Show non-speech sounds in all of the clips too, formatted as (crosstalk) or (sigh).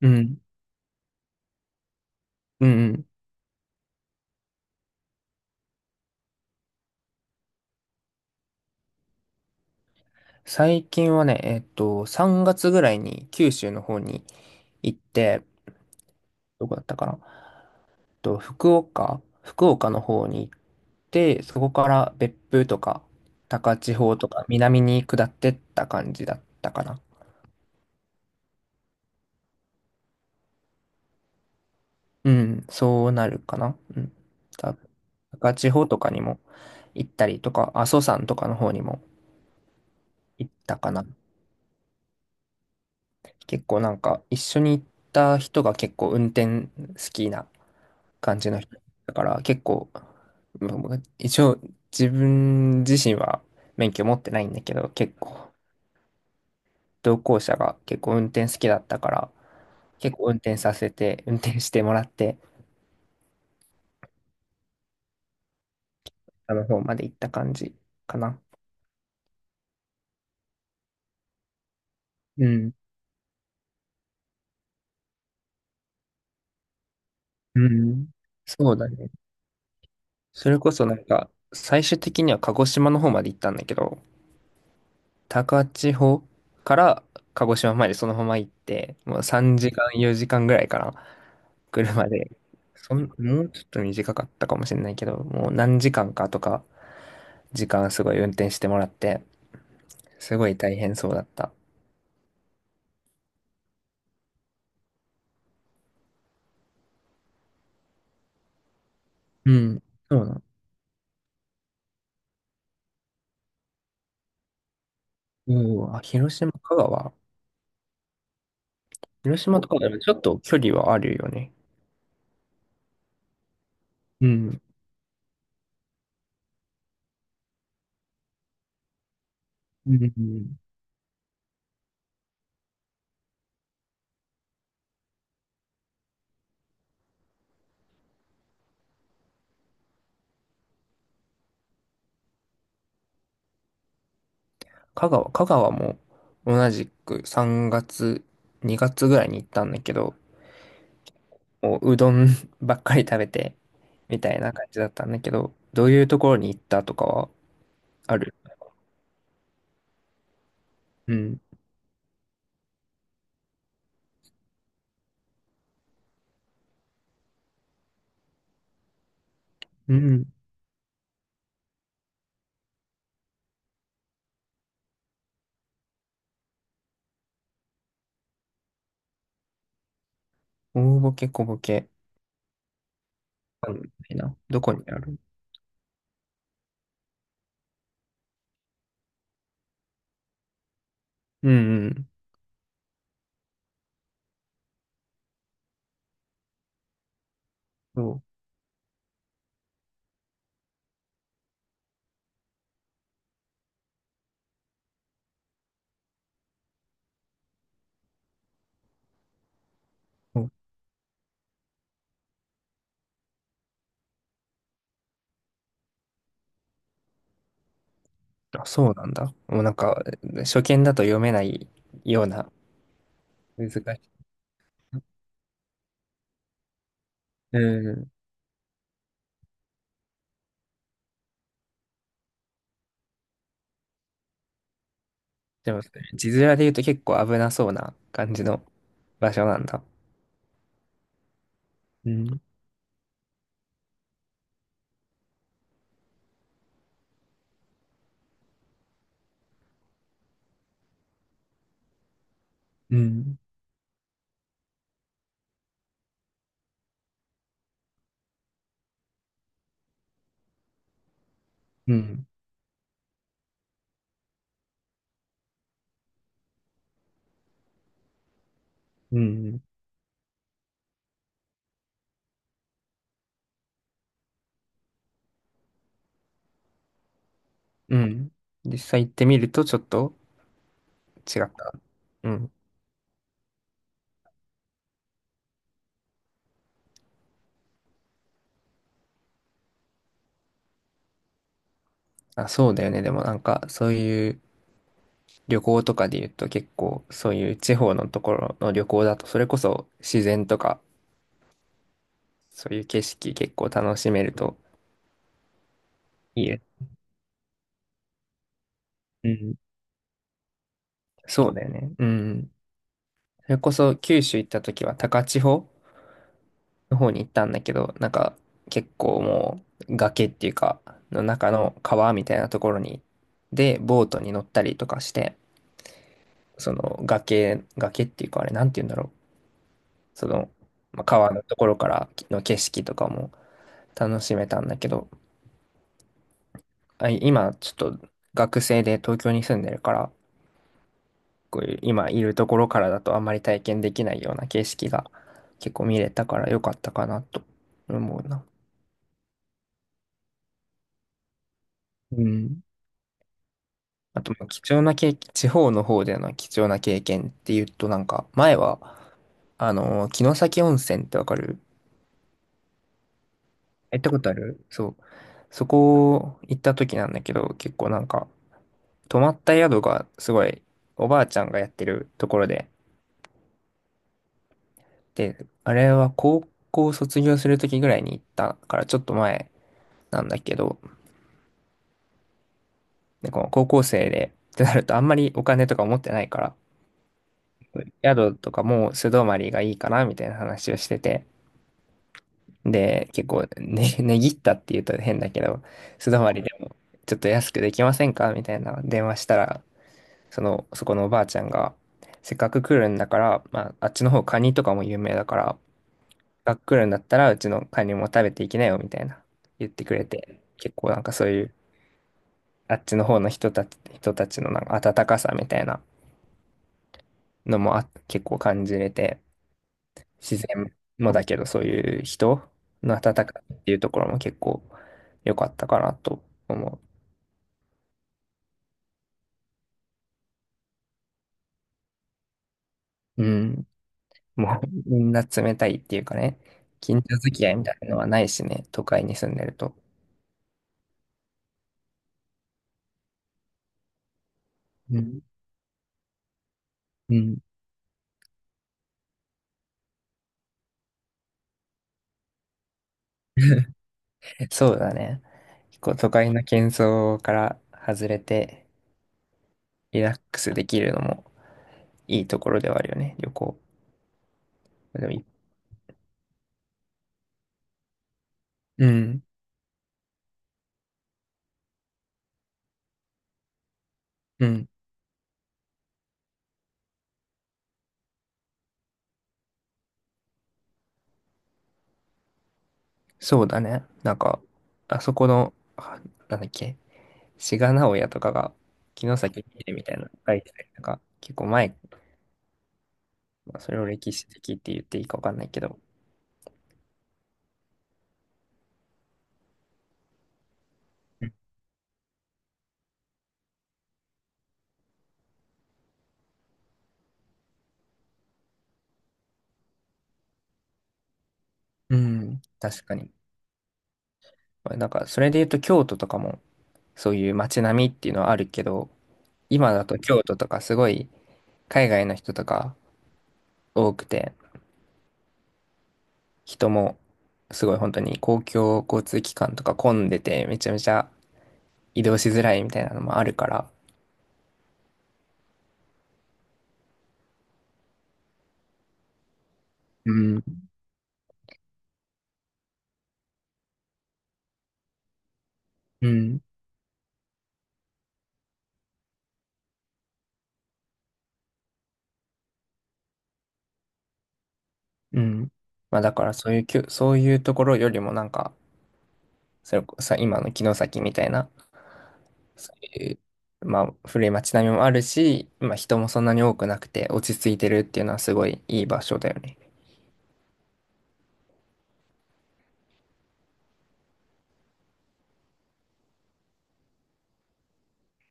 うん。うんうん。最近はね、3月ぐらいに九州の方に行って、どこだったかな。福岡の方に行って、そこから別府とか、高千穂とか、南に下ってった感じだったかな。うん、そうなるかな。うん。多分高千穂とかにも行ったりとか、阿蘇山とかの方にも行ったかな。結構なんか、一緒に行った人が結構運転好きな感じの人だから結構、まあまあ一応自分自身は免許持ってないんだけど、結構同行者が結構運転好きだったから、結構運転させて、運転してもらって、あの方まで行った感じかな。うん。うん。そうだね。それこそなんか、最終的には鹿児島の方まで行ったんだけど、高千穂から鹿児島までそのまま行って、もう3時間、4時間ぐらいかな、車で。もうちょっと短かったかもしれないけど、もう何時間かとか、時間すごい運転してもらって、すごい大変そうだった。うん。そうなの。うん、あ、広島、香川。広島とかでもちょっと距離はあるよね。うん。うん。香川も同じく3月、2月ぐらいに行ったんだけど、もううどん (laughs) ばっかり食べて、みたいな感じだったんだけど、どういうところに行ったとかはある。うん。うん。大ボケ小ボケ。あるみたいな。どこにある。うんうん。そう。そう、あ、そうなんだ。もうなんか、初見だと読めないような難しい。うん。でも、字面で言うと結構危なそうな感じの場所なんだ。うん。うん。うん。うん。うん。実際行ってみるとちょっと違った。うん。あ、そうだよね。でもなんか、そういう旅行とかで言うと結構、そういう地方のところの旅行だと、それこそ自然とか、そういう景色結構楽しめるといいよ。うん。そうだよね。うん。それこそ九州行った時は高千穂の方に行ったんだけど、なんか結構もう崖っていうか、の中の川みたいなところに、で、ボートに乗ったりとかして、その崖っていうかあれ、なんて言うんだろう。その、まあ、川のところからの景色とかも楽しめたんだけど、あ、今ちょっと学生で東京に住んでるから、こういう今いるところからだとあんまり体験できないような景色が結構見れたから良かったかなと思うな。うん。あと、まあ貴重な経験、地方の方での貴重な経験っていうとなんか、前は、城崎温泉ってわかる？行ったことあるそう。そこ行った時なんだけど、結構なんか、泊まった宿がすごいおばあちゃんがやってるところで、で、あれは高校卒業するときぐらいに行ったからちょっと前なんだけど、で、この高校生でってなるとあんまりお金とか持ってないから、宿とかもう素泊まりがいいかなみたいな話をしてて、で、結構ね、(laughs) ねぎったって言うと変だけど、素泊まりでもちょっと安くできませんかみたいな電話したら、その、そこのおばあちゃんが、せっかく来るんだから、まあ、あっちの方カニとかも有名だから、が来るんだったら、うちのカニも食べていきなよ、みたいな言ってくれて、結構なんかそういう、あっちの方の人たちのなんか温かさみたいなのもあ、結構感じれて、自然もだけど、そういう人の温かさっていうところも結構良かったかなと思う。うん。もう、みんな冷たいっていうかね、近所付き合いみたいなのはないしね、都会に住んでると。うん。うん。(laughs) (laughs) そうだね。結構都会の喧騒から外れてリラックスできるのもいいところではあるよね、旅行。でもい、うん、うん、そうだね。なんか、あそこの、あ、なんだっけ、志賀直哉とかが、城崎みえみたいなの書いてたりとか、結構前、まあそれを歴史的って言っていいかわかんないけど、うん、確かに。なんか、それで言うと京都とかも、そういう街並みっていうのはあるけど、今だと京都とかすごい海外の人とか多くて、人もすごい本当に公共交通機関とか混んでて、めちゃめちゃ移動しづらいみたいなのもあるから、うん、うん、うん。まあだからそういうきゅ、そういうところよりもなんか、それこさ、今の城崎みたいな、そういう、まあ古い街並みもあるし、まあ人もそんなに多くなくて落ち着いてるっていうのはすごいいい場所だよね。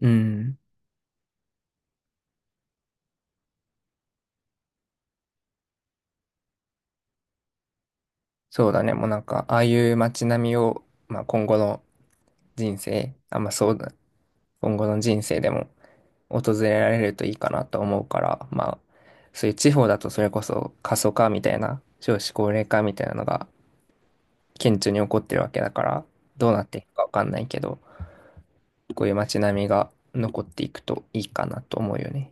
うん。そうだね。もうなんか、ああいう街並みを、まあ今後の人生、あ、まあそうだ、今後の人生でも訪れられるといいかなと思うから、まあ、そういう地方だとそれこそ過疎化みたいな、少子高齢化みたいなのが顕著に起こってるわけだから、どうなっていくかわかんないけど、こういう街並みが残っていくといいかなと思うよね。